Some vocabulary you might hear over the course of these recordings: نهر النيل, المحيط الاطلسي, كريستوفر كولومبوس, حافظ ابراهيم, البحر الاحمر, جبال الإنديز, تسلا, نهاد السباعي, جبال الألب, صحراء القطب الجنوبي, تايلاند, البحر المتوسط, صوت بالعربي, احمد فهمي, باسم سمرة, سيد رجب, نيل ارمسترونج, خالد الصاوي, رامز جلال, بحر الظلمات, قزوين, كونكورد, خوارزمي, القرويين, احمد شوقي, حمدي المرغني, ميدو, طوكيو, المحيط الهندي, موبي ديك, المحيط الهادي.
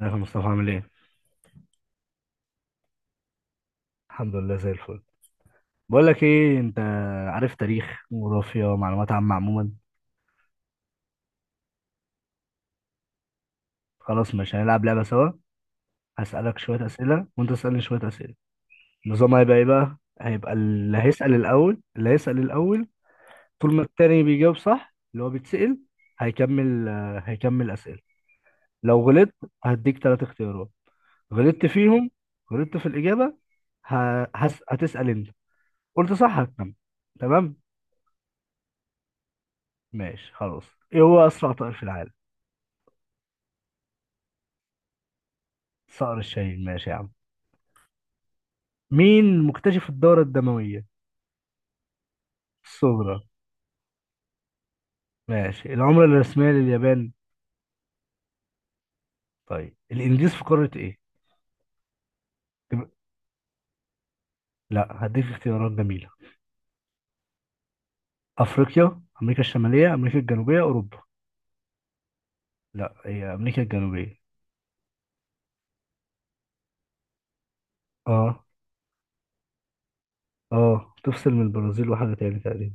ازيك يا مصطفى؟ عامل ايه؟ الحمد لله زي الفل. بقول لك ايه، انت عارف تاريخ، جغرافيا، معلومات عامة عموما؟ خلاص مش هنلعب لعبة سوا. هسألك شوية أسئلة وانت تسألني شوية أسئلة. النظام هيبقى ايه بقى؟ هيبقى اللي هيسأل الأول اللي هيسأل الأول، طول ما التاني بيجاوب صح اللي هو بيتسأل هيكمل، هيكمل أسئلة. لو غلطت هديك ثلاث اختيارات، غلطت فيهم، غلطت في الإجابة، هتسأل انت. قلت صح هتكمل. تمام؟ ماشي خلاص. ايه هو أسرع طائر في العالم؟ صقر الشاهين، ماشي يا عم. مين مكتشف الدورة الدموية الصغرى؟ ماشي. العملة الرسمية لليابان؟ طيب الإنديز في قارة إيه؟ تب- لا، هديك اختيارات جميلة: أفريقيا، أمريكا الشمالية، أمريكا الجنوبية، أوروبا. لا، هي أمريكا الجنوبية. أه. أه تفصل من البرازيل وحاجة تاني تقريبا.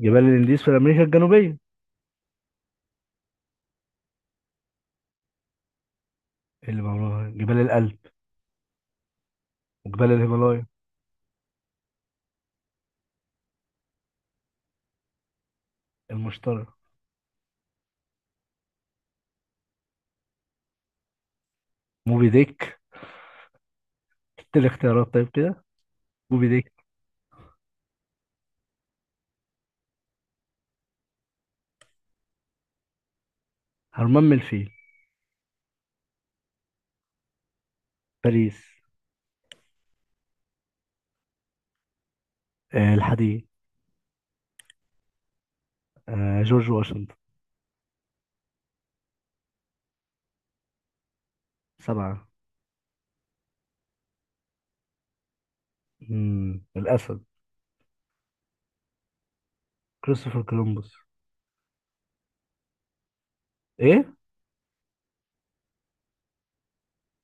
جبال الإنديز في أمريكا الجنوبية. اللي بقولها جبال الألب وجبال الهيمالايا. المشترك. موبي ديك. تلت الاختيارات طيب كده. موبي ديك. هرمان من الفيل. باريس. آه، الحديد. آه، جورج واشنطن. سبعة. مم. الأسد. كريستوفر كولومبوس. إيه؟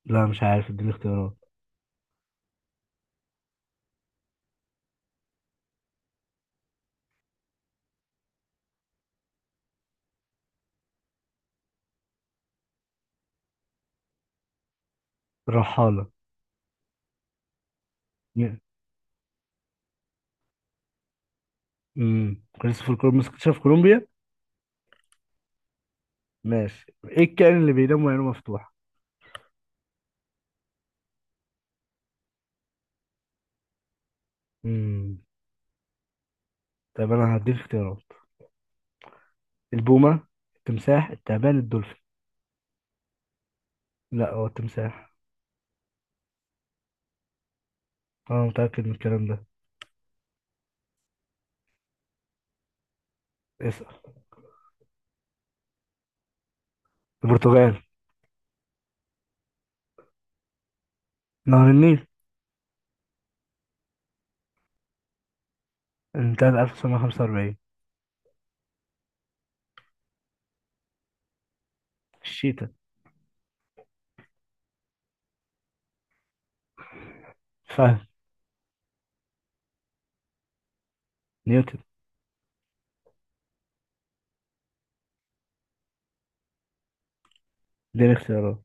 لا مش عارف، اديني اختيارات. الرحالة. مين؟ مم. كريستوفر كولومبوس اكتشف كولومبيا. ماشي. إيه الكائن اللي بينام وعينه مفتوحة؟ مم. طيب أنا هديك اختيارات: البومة، التمساح، التعبان، الدولفين. لا، هو التمساح. أنا متأكد من الكلام ده. اسأل. البرتغال. نهر النيل. انتهى 1945. الشيتا. فهد. نيوتن. اديني اختيارات.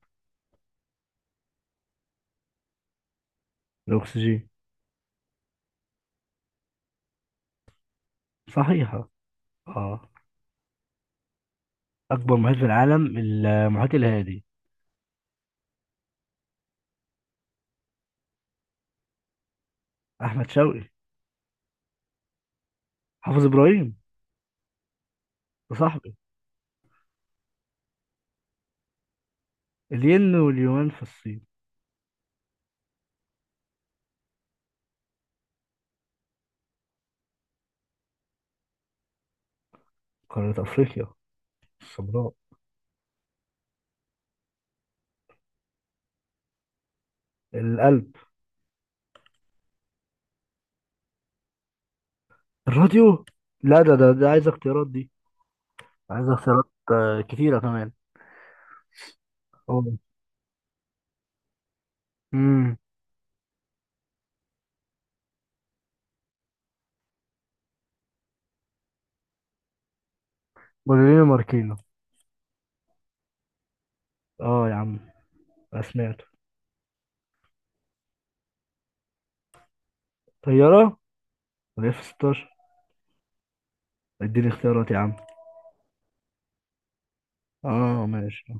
الأكسجين. صحيحة. اه. اكبر محيط في العالم المحيط الهادي. احمد شوقي. حافظ ابراهيم وصاحبي. الين، واليونان في الصين. قارة افريقيا السمراء. القلب. الراديو. لا، ده عايز اختيارات دي. عايز اختيارات آه، كتيرة كمان. اه. امم. بولينو ماركينو. اه يا عم، أنا سمعته. طيارة، ولا اف 16. اديني اختيارات يا عم. اه ماشي.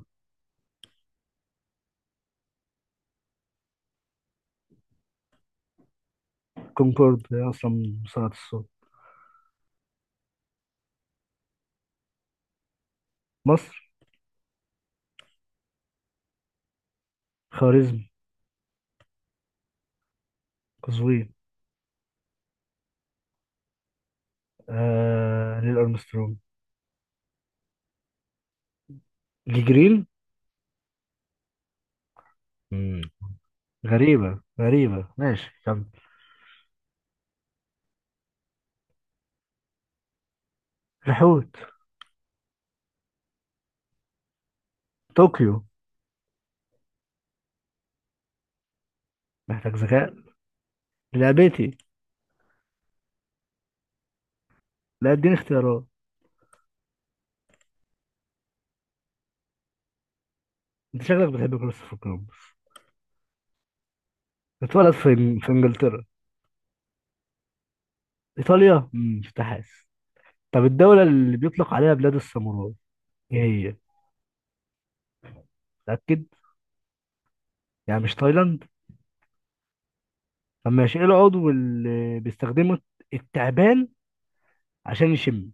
كونكورد هي اصلا من صناعة الصوت. مصر. خوارزمي. قزوين. آه، نيل ارمسترونج. دي جرين. امم. غريبة غريبة، ماشي كمل. الحوت. طوكيو. محتاج ذكاء. لعبتي. لا، اديني اختيارات. انت شكلك بتحب كريستوفر كولومبس. اتولد في في انجلترا. ايطاليا، امم، مش حاسس. طب الدولة اللي بيطلق عليها بلاد الساموراي ايه هي؟ متأكد؟ يعني مش تايلاند؟ طب ماشي، ايه العضو اللي بيستخدمه التعبان عشان يشم؟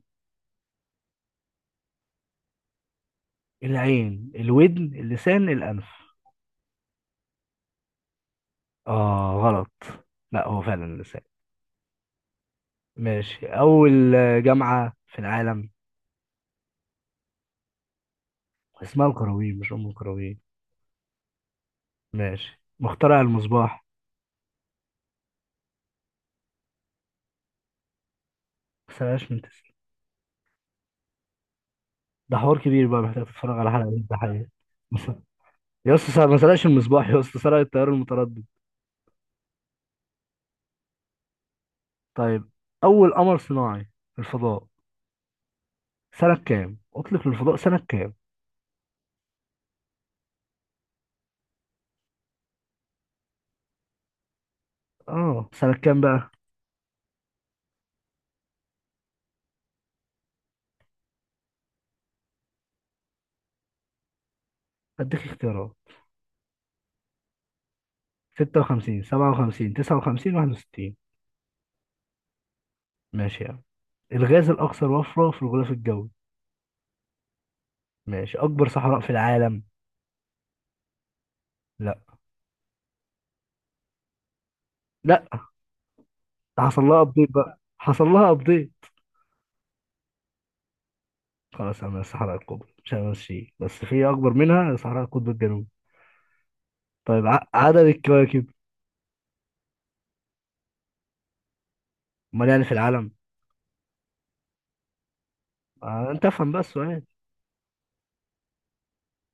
العين، الودن، اللسان، الأنف. اه غلط. لا، هو فعلا اللسان. ماشي. أول جامعة في العالم. اسمها القرويين مش أم القرويين. ماشي. مخترع المصباح. ما سرقهاش من تسلا. ده حوار كبير بقى، محتاج تتفرج على حلقة الضحية. مس- يا اسطى، ما سرقش المصباح يا اسطى، سرق التيار المتردد. طيب. أول قمر صناعي في الفضاء سنة كام؟ أطلق للفضاء سنة كام؟ آه سنة كام بقى؟ أديك اختيارات: 56، 57، 59، 61. ماشي يعني. الغاز الأكثر وفرة في الغلاف الجوي. ماشي. أكبر صحراء في العالم. لا. لا، حصل لها ابديت بقى، حصل لها ابديت. خلاص انا الصحراء القطب، مش هنمشي، بس في اكبر منها صحراء القطب الجنوبي. طيب عدد الكواكب. امال يعني في العالم؟ آه انت افهم بقى السؤال.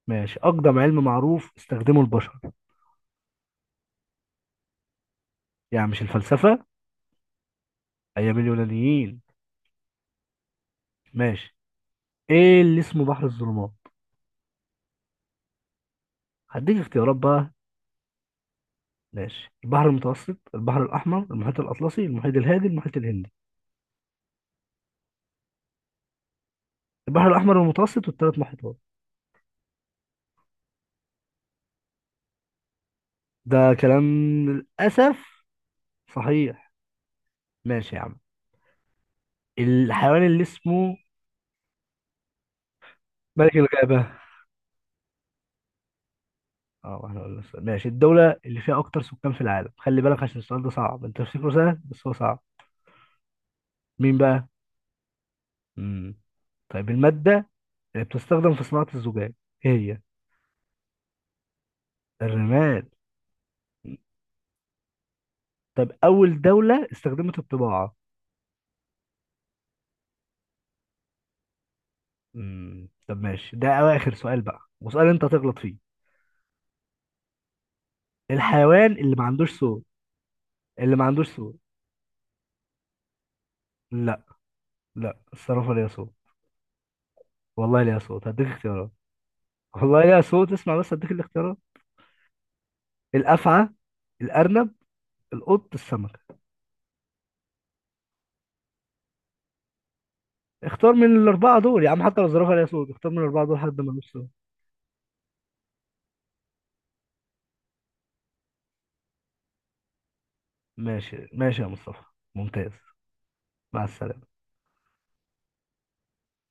ماشي. اقدم علم معروف استخدمه البشر. يعني مش الفلسفه، ايام اليونانيين. ماشي. ايه اللي اسمه بحر الظلمات؟ هديك اختيارات بقى. ماشي: البحر المتوسط، البحر الاحمر، المحيط الاطلسي، المحيط الهادي، المحيط الهندي. البحر الاحمر، المتوسط، والثلاث محيطات. ده كلام. للاسف صحيح. ماشي يا عم. الحيوان اللي اسمه ملك الغابة. اه، واحنا قلنا السؤال. ماشي. الدولة اللي فيها أكتر سكان في العالم، خلي بالك عشان السؤال ده صعب، أنت تفتكره سهل بس هو صعب. مين بقى؟ مم. طيب المادة اللي بتستخدم في صناعة الزجاج، إيه هي؟ الرمال. طب أول دولة استخدمت الطباعة. مم. طب ماشي، ده آخر سؤال بقى، وسؤال أنت هتغلط فيه. الحيوان اللي ما عندوش صوت. اللي ما عندوش صوت. لا. لا، الصرافة ليها صوت. والله ليها صوت، هديك اختيارات. والله ليها صوت، اسمع بس هديك الاختيارات: الافعى، الارنب، القط، السمكه. اختار من الاربعه دول يا عم، حتى لو الزرافه ليها صوت اختار من الاربعه دول حد ما لوش صوت. ماشي ماشي يا مصطفى. ممتاز. مع السلامه.